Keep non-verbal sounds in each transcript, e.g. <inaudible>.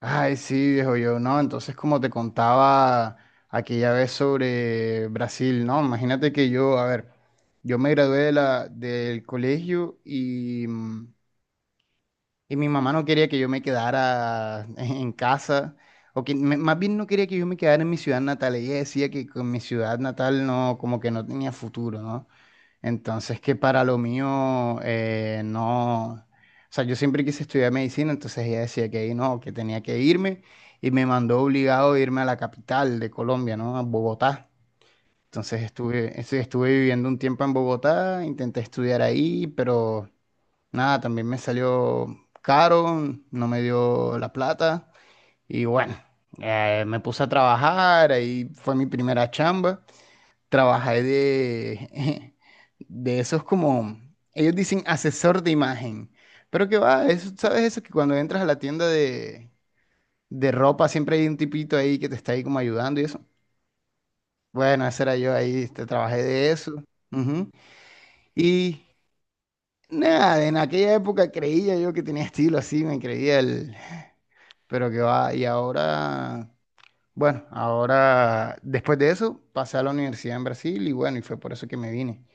Ay, sí, viejo yo, no, entonces como te contaba aquella vez sobre Brasil, ¿no? Imagínate que yo, a ver, yo me gradué de del colegio y, y mi mamá no quería que yo me quedara <laughs> en casa, o que más bien no quería que yo me quedara en mi ciudad natal. Ella decía que con mi ciudad natal no, como que no tenía futuro, ¿no? Entonces, que para lo mío, no, o sea, yo siempre quise estudiar medicina, entonces ella decía que ahí no, que tenía que irme y me mandó obligado a irme a la capital de Colombia, ¿no? A Bogotá. Entonces estuve viviendo un tiempo en Bogotá, intenté estudiar ahí, pero nada, también me salió caro, no me dio la plata y bueno, me puse a trabajar. Ahí fue mi primera chamba, trabajé de, <laughs> de esos como, ellos dicen asesor de imagen, pero que va. Eso, ¿sabes eso? Que cuando entras a la tienda de ropa siempre hay un tipito ahí que te está ahí como ayudando y eso. Bueno, ese era yo ahí, este, trabajé de eso. Ujú. Y nada, en aquella época creía yo que tenía estilo así, me creía el, pero que va, y ahora... Bueno, ahora después de eso pasé a la universidad en Brasil y bueno, y fue por eso que me vine.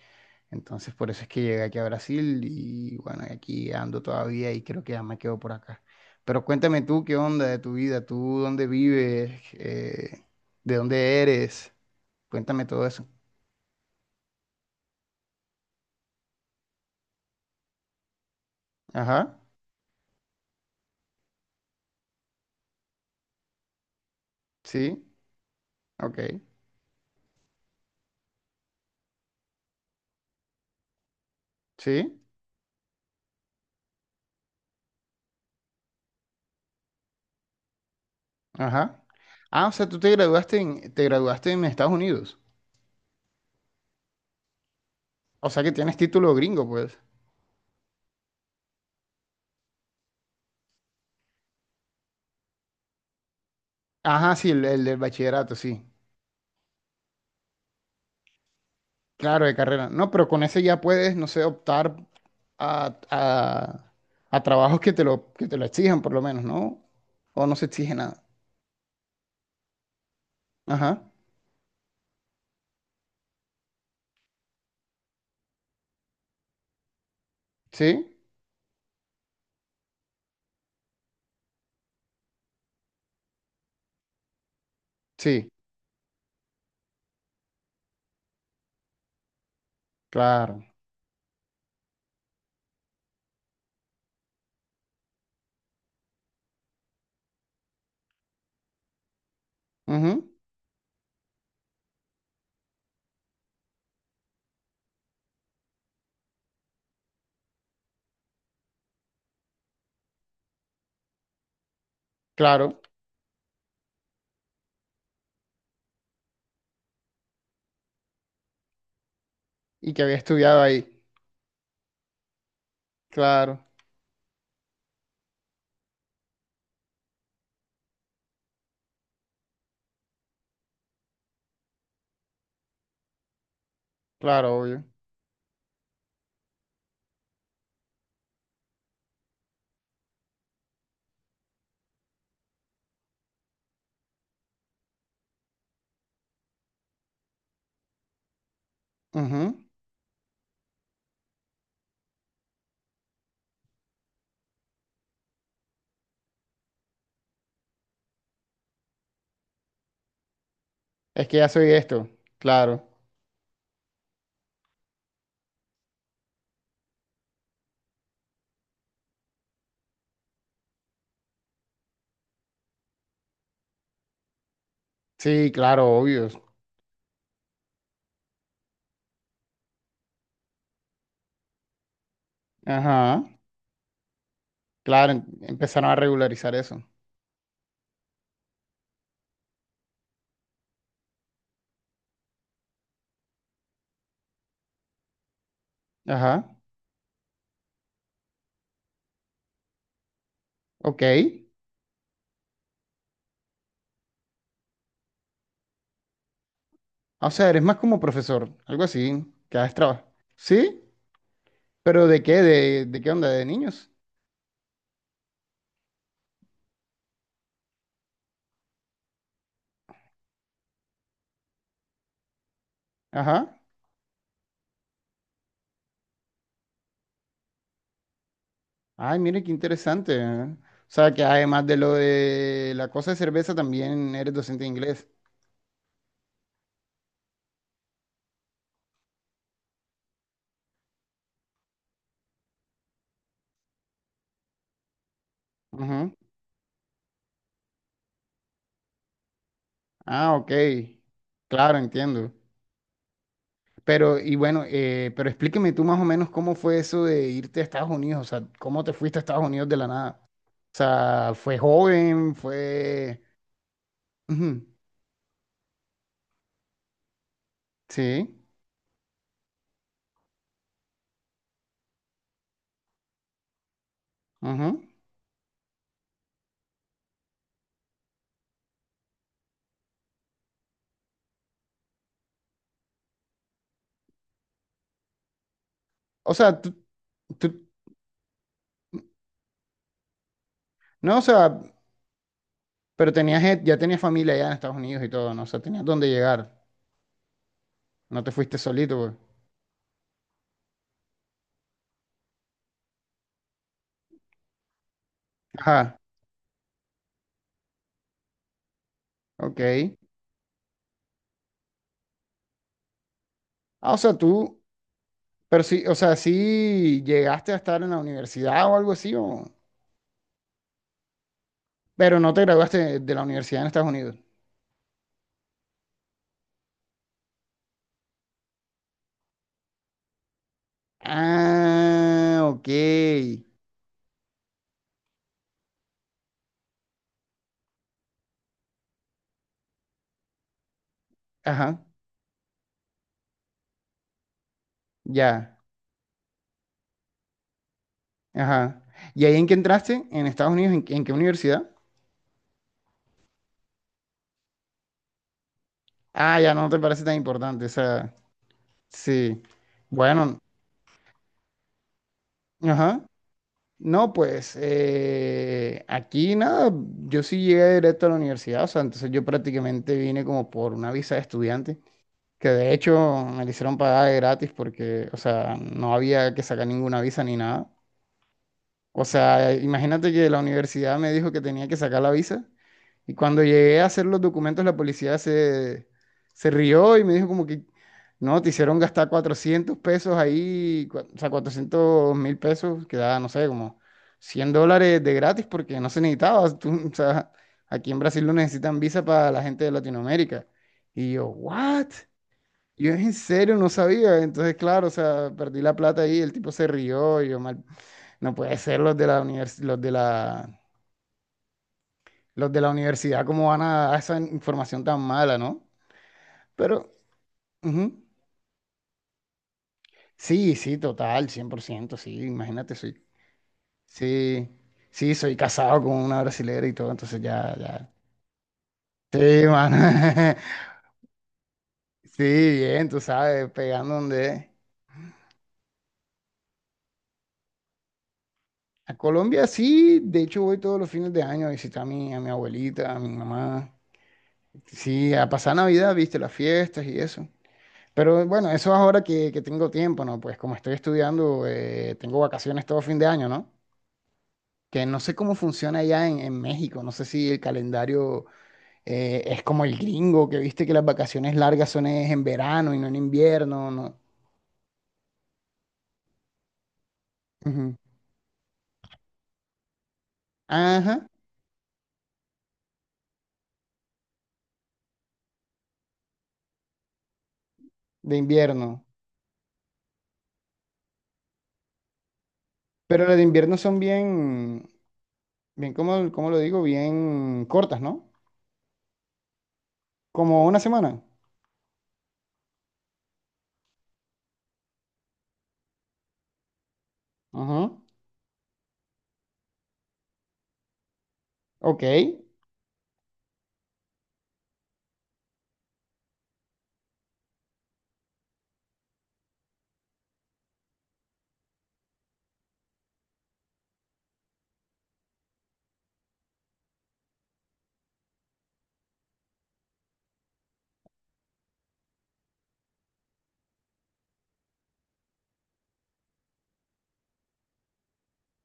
Entonces, por eso es que llegué aquí a Brasil y bueno, aquí ando todavía y creo que ya me quedo por acá. Pero cuéntame tú, ¿qué onda de tu vida? ¿Tú dónde vives? ¿De dónde eres? Cuéntame todo eso. Ajá, sí, ok, sí, ajá. Ah, o sea, tú te graduaste en Estados Unidos. O sea que tienes título gringo, pues. Ajá, sí, el del bachillerato, sí. Claro, de carrera. No, pero con ese ya puedes, no sé, optar a, a trabajos que te lo exijan, por lo menos, ¿no? O no se exige nada. Ajá. Sí, sí, claro. Ujú. Claro. Y que había estudiado ahí. Claro, claro, obvio. Ujú. Es que ya soy esto. Claro. Sí, claro, obvio. Ajá. Claro, empezaron a regularizar eso. Ajá. Ok. Ah, o sea, eres más como profesor, algo así, que haces trabajo. ¿Sí? ¿Pero de qué? De qué onda? ¿De niños? Ajá. Ay, mire qué interesante, ¿eh? O sea, que además de lo de la cosa de cerveza, también eres docente de inglés. Ujú. Ah, ok. Claro, entiendo. Pero, y bueno, pero explíqueme tú más o menos cómo fue eso de irte a Estados Unidos. O sea, cómo te fuiste a Estados Unidos de la nada. O sea, fue joven, fue. Ujú. Sí. Ujú. O sea, tú- no, o sea, pero tenías, ya tenías familia allá en Estados Unidos y todo, ¿no? O sea, tenías dónde llegar. No te fuiste solito, pues. Ajá, ok. Ah, o sea, tú, pero sí, o sea, sí llegaste a estar en la universidad o algo así, o... pero no te graduaste de la universidad en Estados Unidos. Ah, ok. Ajá, ya, ajá. ¿Y ahí en qué entraste? ¿En Estados Unidos? En qué universidad? Ah, ya no te parece tan importante, o sea, sí. Bueno, ajá. No, pues aquí nada, yo sí llegué directo a la universidad, o sea, entonces yo prácticamente vine como por una visa de estudiante. Que de hecho me la hicieron pagar de gratis porque, o sea, no había que sacar ninguna visa ni nada. O sea, imagínate que la universidad me dijo que tenía que sacar la visa y cuando llegué a hacer los documentos la policía se, se rió y me dijo como que, no, te hicieron gastar 400 pesos ahí, o sea, 400 mil pesos, que da, no sé, como 100 dólares de gratis porque no se necesitaba. Tú- <laughs> o sea, aquí en Brasil no necesitan visa para la gente de Latinoamérica. Y yo, ¿what? Yo en serio no sabía, entonces claro, o sea, perdí la plata ahí, el tipo se rió, y yo mal, no puede ser. Los de la los de la, los de la universidad, cómo van a dar esa información tan mala, ¿no? Pero, ujú. Sí, sí, total, 100% sí, imagínate, soy, sí, sí, soy casado con una brasilera y todo, entonces ya, ya, sí, mano, <laughs> sí, bien, tú sabes, pegando donde es. A Colombia sí, de hecho voy todos los fines de año a visitar a mi abuelita, a mi mamá. Sí, a pasar Navidad, viste, las fiestas y eso. Pero bueno, eso es ahora que tengo tiempo, ¿no? Pues como estoy estudiando, tengo vacaciones todo fin de año, ¿no? Que no sé cómo funciona allá en México, no sé si el calendario es como el gringo, que viste que las vacaciones largas son es en verano y no en invierno, ¿no? Ujú. Ajá, de invierno. Pero las de invierno son bien, bien, ¿cómo, cómo lo digo? Bien cortas, ¿no? Como una semana. Ajá. Ok.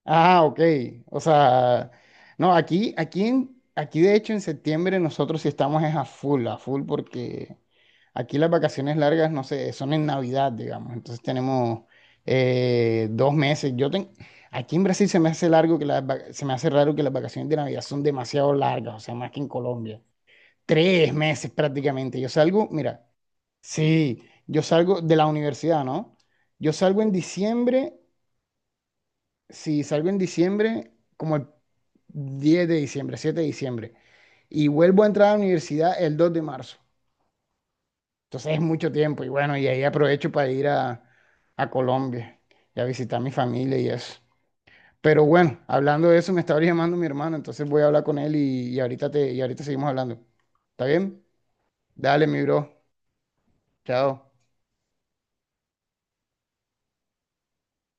Ah, ok. O sea, no, aquí, aquí, aquí de hecho en septiembre nosotros sí estamos es a full, porque aquí las vacaciones largas, no sé, son en Navidad, digamos. Entonces tenemos dos meses. Yo ten, aquí en Brasil se me hace largo que las, se me hace raro que las vacaciones de Navidad son demasiado largas, o sea, más que en Colombia. Tres meses prácticamente. Yo salgo, mira, sí, yo salgo de la universidad, ¿no? Yo salgo en diciembre, si salgo en diciembre, como el 10 de diciembre, 7 de diciembre, y vuelvo a entrar a la universidad el 2 de marzo. Entonces es mucho tiempo y bueno, y ahí aprovecho para ir a Colombia y a visitar a mi familia y eso. Pero bueno, hablando de eso, me estaba llamando mi hermano, entonces voy a hablar con él y ahorita te, y ahorita seguimos hablando. ¿Está bien? Dale, mi bro. Chao.